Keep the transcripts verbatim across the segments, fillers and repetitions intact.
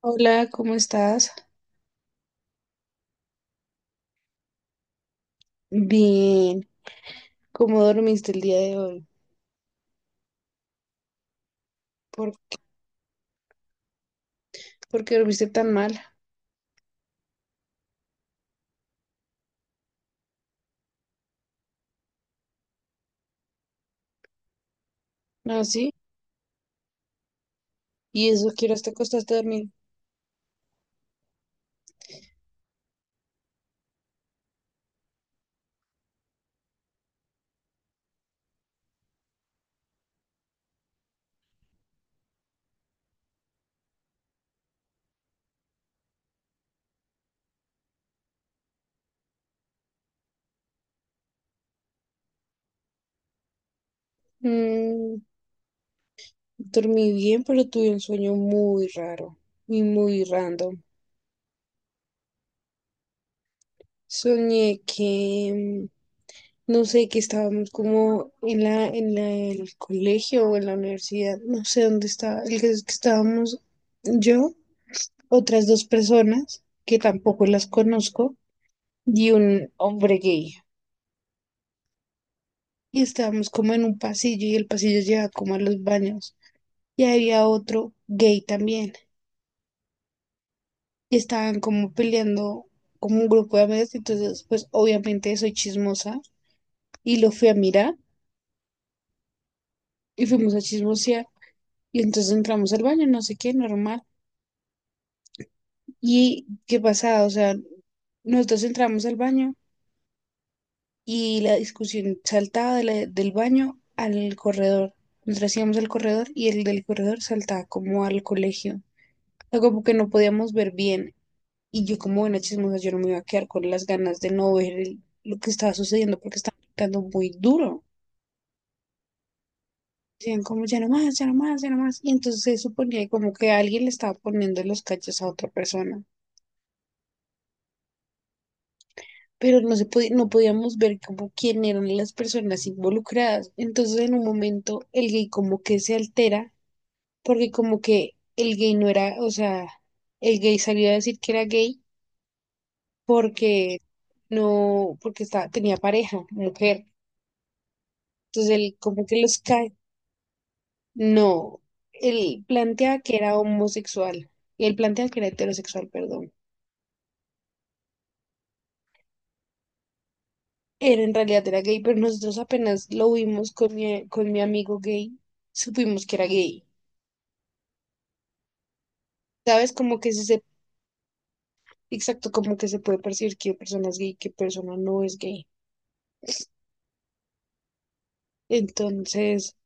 Hola, ¿cómo estás? Bien, ¿cómo dormiste el día de hoy? ¿Por, ¿Por qué dormiste tan mal? ¿Ah, sí? ¿Y eso que horas te acostaste a dormir? Mm, dormí bien, pero tuve un sueño muy raro y muy random. Soñé que, mm, no sé, que estábamos como en la, en la- el colegio o en la universidad, no sé dónde estaba, el que, es que estábamos yo, otras dos personas que tampoco las conozco y un hombre gay. Y estábamos como en un pasillo y el pasillo lleva como a los baños. Y había otro gay también. Y estaban como peleando como un grupo de amigas. Entonces, pues obviamente soy chismosa y lo fui a mirar y fuimos a chismosear. Y entonces entramos al baño, no sé qué, normal. ¿Y qué pasaba? O sea, nosotros entramos al baño y la discusión saltaba de la- del baño al corredor. Nosotros íbamos al corredor y el del corredor saltaba como al colegio. Sea, como que no podíamos ver bien. Y yo como buena chismosa, yo no me iba a quedar con las ganas de no ver el- lo que estaba sucediendo porque estaba picando muy duro. Decían como, ya no más, ya no más, ya no más. Y entonces se suponía como que alguien le estaba poniendo los cachos a otra persona. Pero no se podía, no podíamos ver como quién eran las personas involucradas. Entonces en un momento el gay como que se altera porque como que el gay no era, o sea, el gay salió a decir que era gay porque no, porque estaba, tenía pareja, mujer. Entonces él como que los cae. No, él planteaba que era homosexual. Y él planteaba que era heterosexual, perdón. Era en realidad era gay, pero nosotros apenas lo vimos con mi, con mi amigo gay, supimos que era gay. ¿Sabes? Como que se, se- exacto, como que se puede percibir qué persona es gay, qué persona no es gay. Entonces,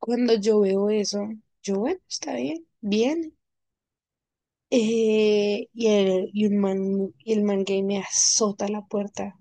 cuando yo veo eso, yo, bueno, está bien, bien. Eh, y el, y un man, y el man gay me azota la puerta.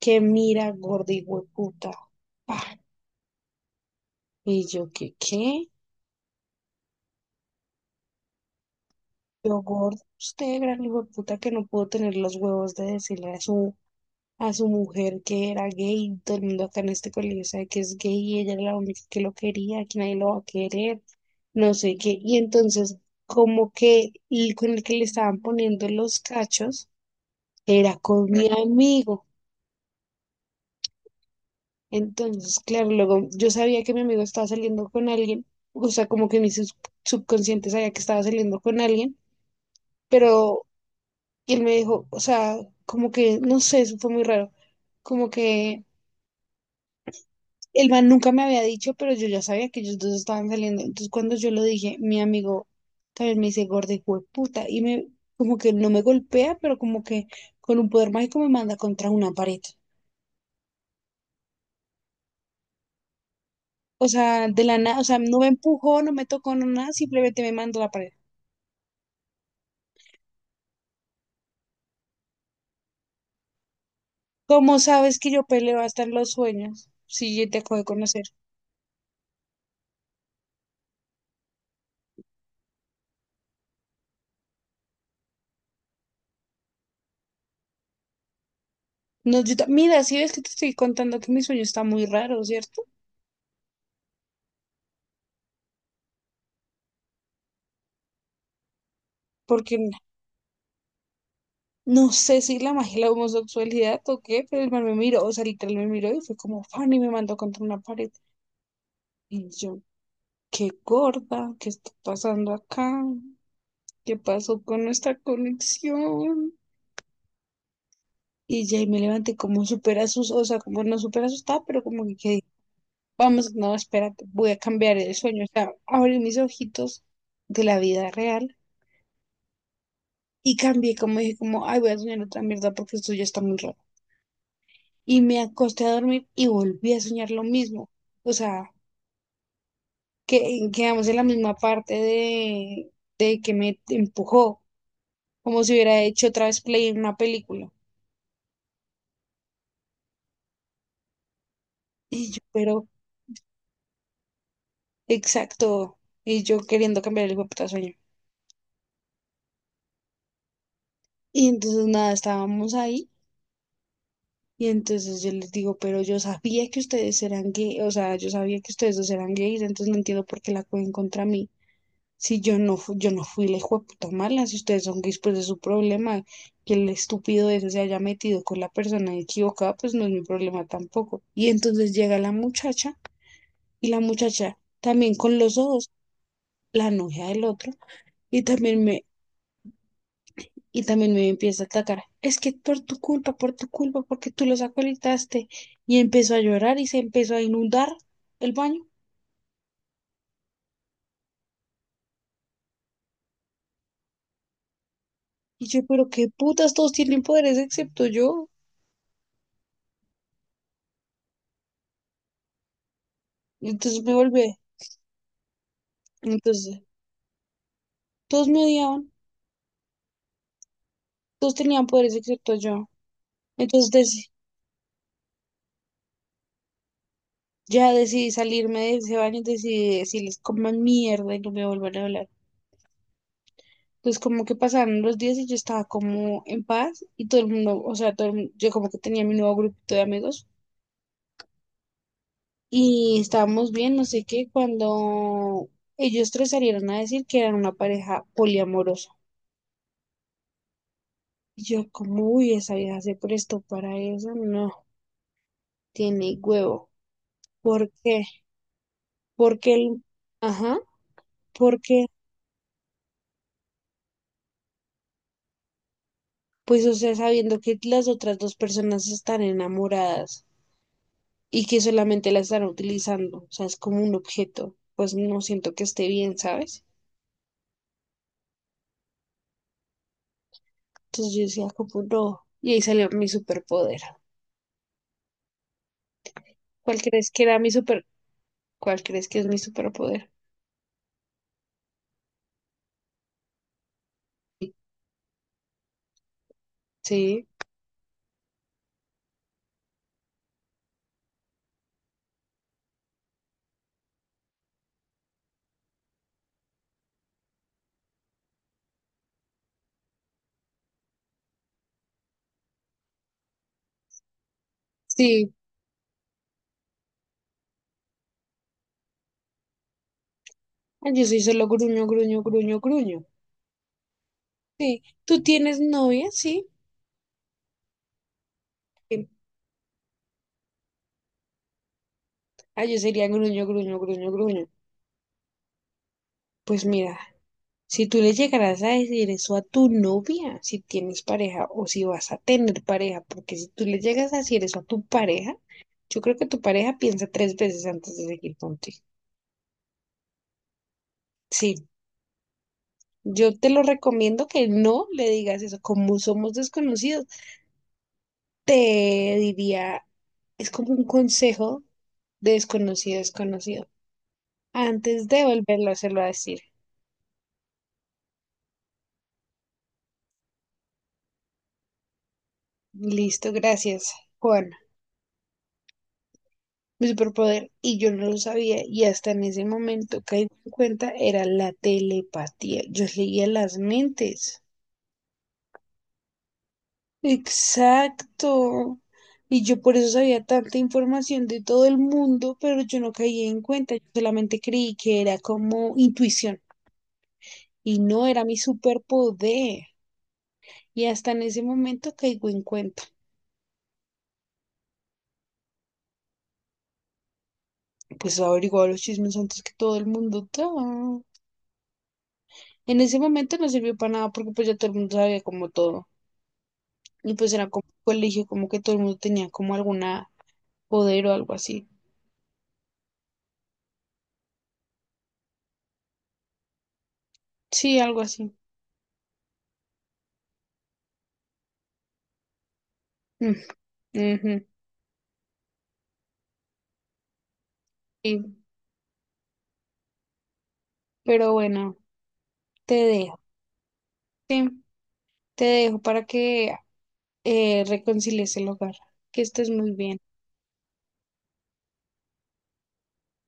Que mira, gorda y hueputa. Pa. Y yo, ¿qué, qué? Yo, gordo, usted, gran puta que no pudo tener los huevos de decirle a su, a su mujer que era gay. Todo el mundo acá en este colegio sabe que es gay y ella era la única que lo quería, que nadie lo va a querer, no sé qué. Y entonces, como que el con el que le estaban poniendo los cachos era con mi amigo. Entonces, claro, luego yo sabía que mi amigo estaba saliendo con alguien, o sea, como que mi sub- subconsciente sabía que estaba saliendo con alguien, pero él me dijo, o sea, como que, no sé, eso fue muy raro, como que el man nunca me había dicho, pero yo ya sabía que ellos dos estaban saliendo. Entonces, cuando yo lo dije, mi amigo también me dice, gorda, hijo de puta, y me, como que no me golpea, pero como que con un poder mágico me manda contra una pared. O sea, de la nada, o sea, no me empujó, no me tocó, no nada, simplemente me mandó a la pared. ¿Cómo sabes que yo peleo hasta en los sueños? Si yo te acabo de conocer. No, yo ta- mira, si ves que te estoy contando que mi sueño está muy raro, ¿cierto? Porque n- no sé si la magia y la homosexualidad o qué, pero el man me miró, o sea, literal me miró y fue como fan y me mandó contra una pared. Y yo, qué gorda, ¿qué está pasando acá? ¿Qué pasó con nuestra conexión? Y ya y me levanté como súper asustada, o sea, como no súper asustada, pero como que quedé. Vamos, no, espérate, voy a cambiar el sueño. O sea, abrí mis ojitos de la vida real y cambié, como dije, como, ay, voy a soñar otra mierda porque esto ya está muy raro. Y me acosté a dormir y volví a soñar lo mismo. O sea, que quedamos en la misma parte de, de que me empujó, como si hubiera hecho otra vez play en una película. Y yo, pero, exacto, y yo queriendo cambiar el hijo sueño. Y entonces nada, estábamos ahí. Y entonces yo les digo, pero yo sabía que ustedes eran gay, o sea, yo sabía que ustedes dos eran gays, entonces no entiendo por qué la cogen contra mí. Si yo no, fu- yo no fui la hijueputa mala, si ustedes son gays, pues es su problema. Que el estúpido ese se haya metido con la persona equivocada, pues no es mi problema tampoco. Y entonces llega la muchacha, y la muchacha también con los ojos, la novia del otro, y también me, y también me empieza a atacar. Es que por tu culpa, por tu culpa, porque tú los acolitaste. Y empezó a llorar y se empezó a inundar el baño. Y yo, pero qué putas, todos tienen poderes excepto yo. Y entonces me volví. Entonces, todos me odiaban, todos tenían poderes excepto yo. Entonces, deci- ya decidí salirme de ese baño y decidí decirles coman mierda y no me vuelvan a hablar. Entonces, como que pasaron los días y yo estaba como en paz y todo el mundo, o sea, todo el mundo- yo como que tenía mi nuevo grupito de amigos. Y estábamos bien, no sé qué, cuando ellos tres salieron a decir que eran una pareja poliamorosa. Y yo como, uy, esa vieja se prestó para eso, no, tiene huevo. ¿Por qué? Porque el, ajá, porque, pues, o sea, sabiendo que las otras dos personas están enamoradas y que solamente la están utilizando, o sea, es como un objeto, pues no siento que esté bien, ¿sabes? Entonces yo decía como, no, y ahí salió mi superpoder. ¿Cuál crees que era mi superpoder? ¿Cuál crees que es mi superpoder? Sí, sí. Ah, yo soy solo gruño, gruño, gruño, gruño. Sí. ¿Tú tienes novia? Sí. Sí. Ah, yo sería gruño, gruño, gruño, gruño. Pues mira, si tú le llegarás a decir eso a tu novia, si tienes pareja o si vas a tener pareja, porque si tú le llegas a decir eso a tu pareja, yo creo que tu pareja piensa tres veces antes de seguir contigo. Sí. Yo te lo recomiendo que no le digas eso. Como somos desconocidos, te diría, es como un consejo de desconocido a desconocido. Antes de volverlo a hacerlo a decir. Listo, gracias, Juan. Mi superpoder, y yo no lo sabía, y hasta en ese momento caí en cuenta, era la telepatía. Yo leía las mentes. Exacto. Y yo por eso sabía tanta información de todo el mundo, pero yo no caí en cuenta. Yo solamente creí que era como intuición, y no era mi superpoder. Y hasta en ese momento caigo en cuenta. Pues averiguaba los chismes antes que todo el mundo. Ta. En ese momento no sirvió para nada porque pues ya todo el mundo sabía como todo. Y pues era como un colegio, como que todo el mundo tenía como alguna poder o algo así. Sí, algo así. Mm, ujú, sí. Pero bueno, te dejo. Sí, te dejo para que eh, reconcilies el hogar. Que estés muy bien.